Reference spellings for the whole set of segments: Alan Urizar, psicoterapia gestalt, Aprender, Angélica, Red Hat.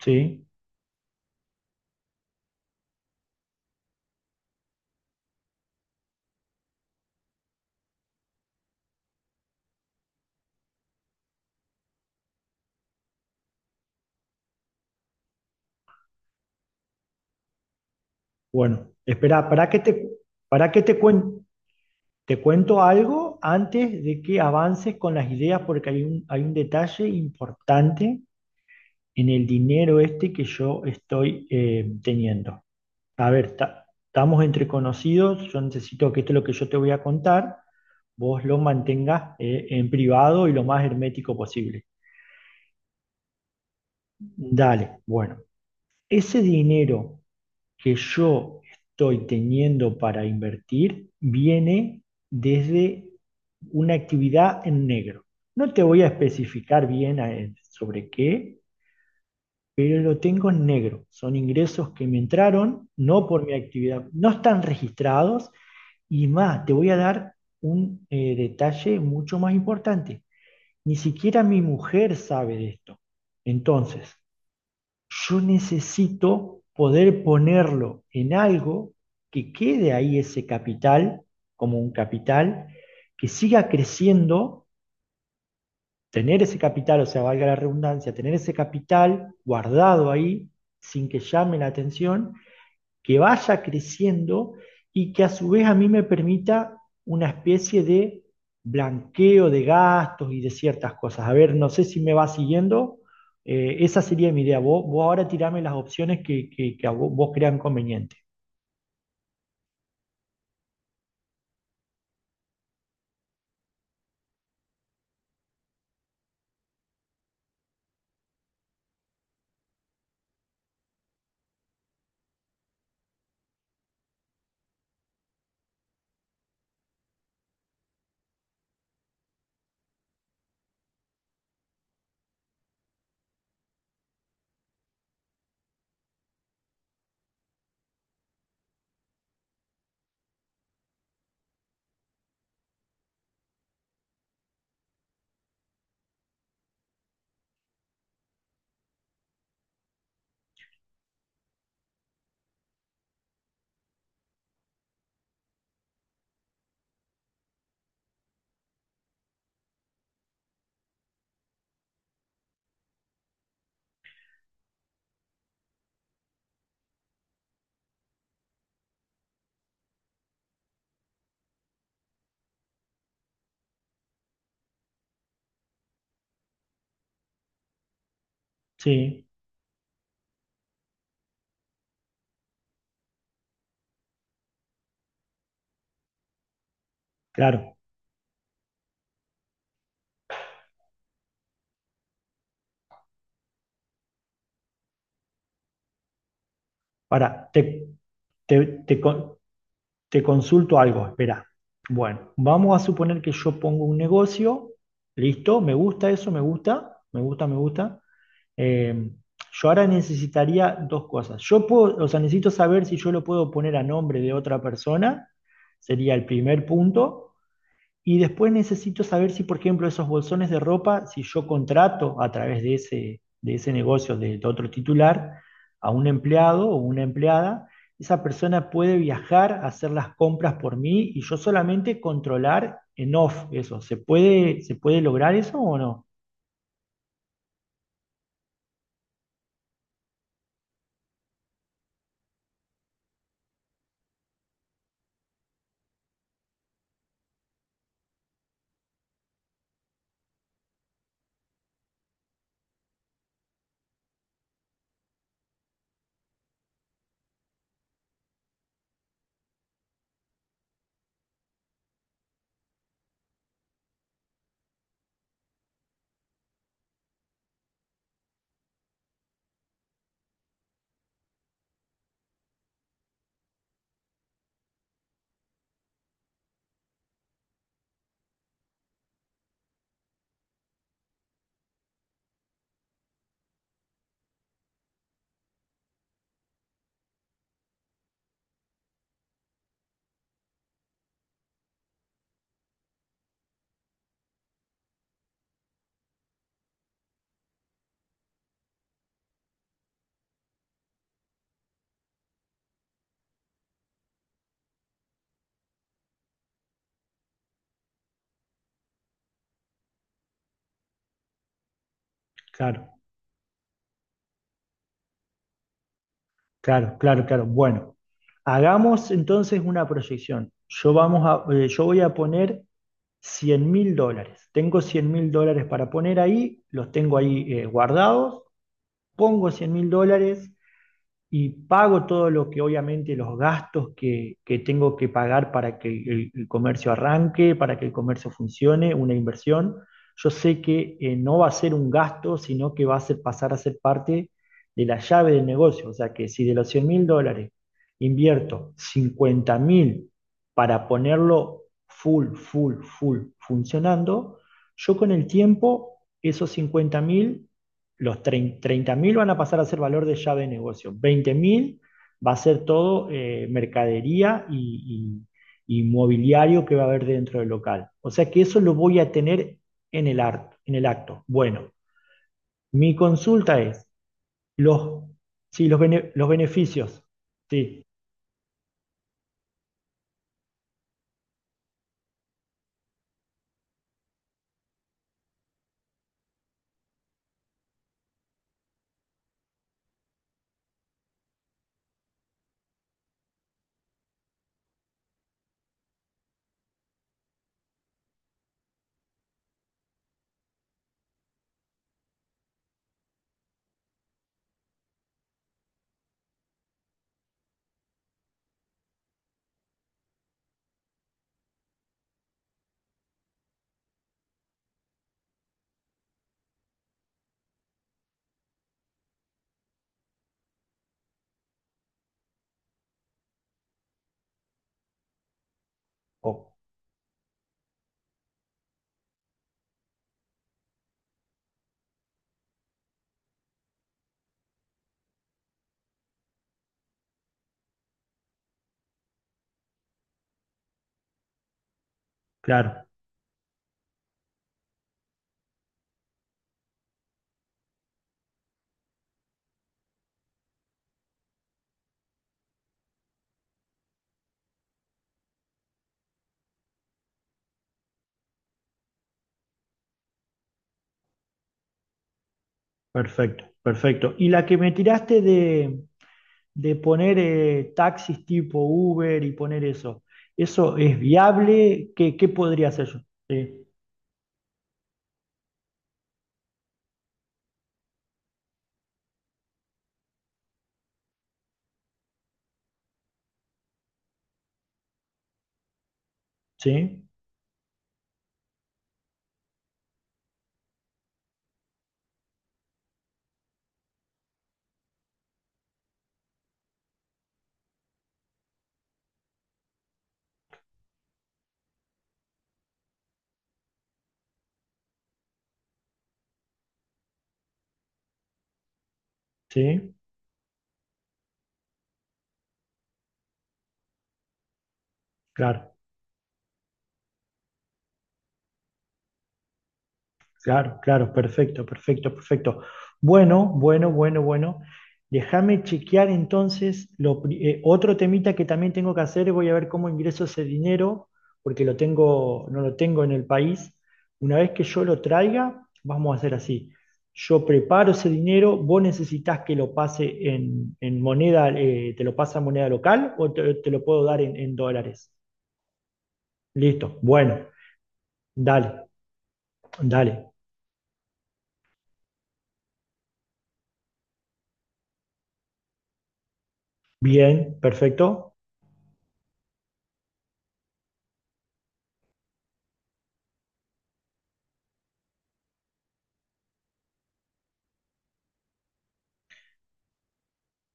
Sí, bueno, espera, para que te, cuen- te cuento algo antes de que avances con las ideas? Porque hay un detalle importante en el dinero este que yo estoy teniendo. A ver, estamos entre conocidos, yo necesito que esto es lo que yo te voy a contar, vos lo mantengas en privado y lo más hermético posible. Dale, bueno, ese dinero que yo estoy teniendo para invertir viene desde una actividad en negro. No te voy a especificar bien sobre qué, pero lo tengo en negro. Son ingresos que me entraron, no por mi actividad, no están registrados y más, te voy a dar un detalle mucho más importante. Ni siquiera mi mujer sabe de esto. Entonces, yo necesito poder ponerlo en algo que quede ahí ese capital, como un capital, que siga creciendo, tener ese capital, o sea, valga la redundancia, tener ese capital guardado ahí sin que llame la atención, que vaya creciendo y que a su vez a mí me permita una especie de blanqueo de gastos y de ciertas cosas. A ver, no sé si me va siguiendo. Esa sería mi idea. Vos ahora tirame las opciones que a vos crean conveniente. Sí, claro. Ahora, te, te con- te consulto algo, espera. Bueno, vamos a suponer que yo pongo un negocio. Listo, me gusta eso, me gusta, me gusta, me gusta. Eh, yo ahora necesitaría dos cosas. Yo puedo, o sea, necesito saber si yo lo puedo poner a nombre de otra persona, sería el primer punto. Y después necesito saber si, por ejemplo, esos bolsones de ropa, si yo contrato a través de ese negocio de otro titular a un empleado o una empleada, esa persona puede viajar a hacer las compras por mí y yo solamente controlar en off eso. Se puede lograr eso o no? Claro. Claro, claro, claro. Bueno, hagamos entonces una proyección. Yo, vamos a, yo voy a poner 100.000 dólares. Tengo 100.000 dólares para poner ahí, los tengo ahí guardados. Pongo 100.000 dólares y pago todo lo que obviamente los gastos que tengo que pagar para que el comercio arranque, para que el comercio funcione, una inversión, yo sé que no va a ser un gasto, sino que va a ser, pasar a ser parte de la llave del negocio. O sea que si de los 100.000 dólares invierto 50.000 para ponerlo full, full, full funcionando, yo con el tiempo esos 50.000, los 30.000 van a pasar a ser valor de llave de negocio. 20.000 va a ser todo mercadería y, y mobiliario que va a haber dentro del local. O sea que eso lo voy a tener en el acto. Bueno, mi consulta es, los, sí, los beneficios. Sí. Oh, claro, perfecto, perfecto. Y la que me tiraste de poner taxis tipo Uber y poner eso. ¿Eso es viable? ¿Qué, qué podría hacer yo? Sí, sí, sí, claro. Claro, claro, perfecto, perfecto, perfecto. Bueno, bueno, bueno, bueno. Déjame chequear entonces otro temita que también tengo que hacer. Voy a ver cómo ingreso ese dinero, porque lo tengo, no lo tengo en el país. Una vez que yo lo traiga, vamos a hacer así. Yo preparo ese dinero, vos necesitas que lo pase en moneda, te lo pasa en moneda local o te lo puedo dar en dólares. Listo, bueno, dale, dale. Bien, perfecto.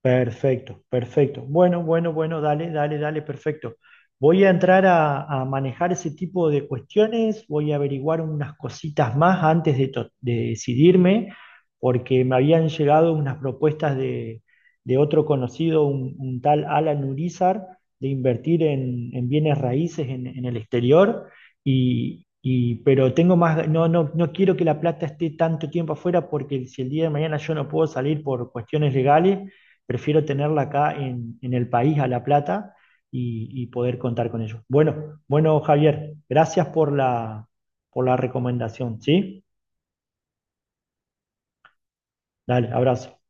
Perfecto, perfecto. Bueno, bueno, bueno, dale, dale, dale, perfecto. Voy a entrar a manejar ese tipo de cuestiones, voy a averiguar unas cositas más antes de decidirme, porque me habían llegado unas propuestas de otro conocido, un tal Alan Urizar, de invertir en bienes raíces en el exterior, pero tengo más, no, no, no quiero que la plata esté tanto tiempo afuera, porque si el día de mañana yo no puedo salir por cuestiones legales, prefiero tenerla acá en el país, a La Plata, y poder contar con ellos. Bueno, bueno, Javier, gracias por la recomendación, ¿sí? Dale, abrazo.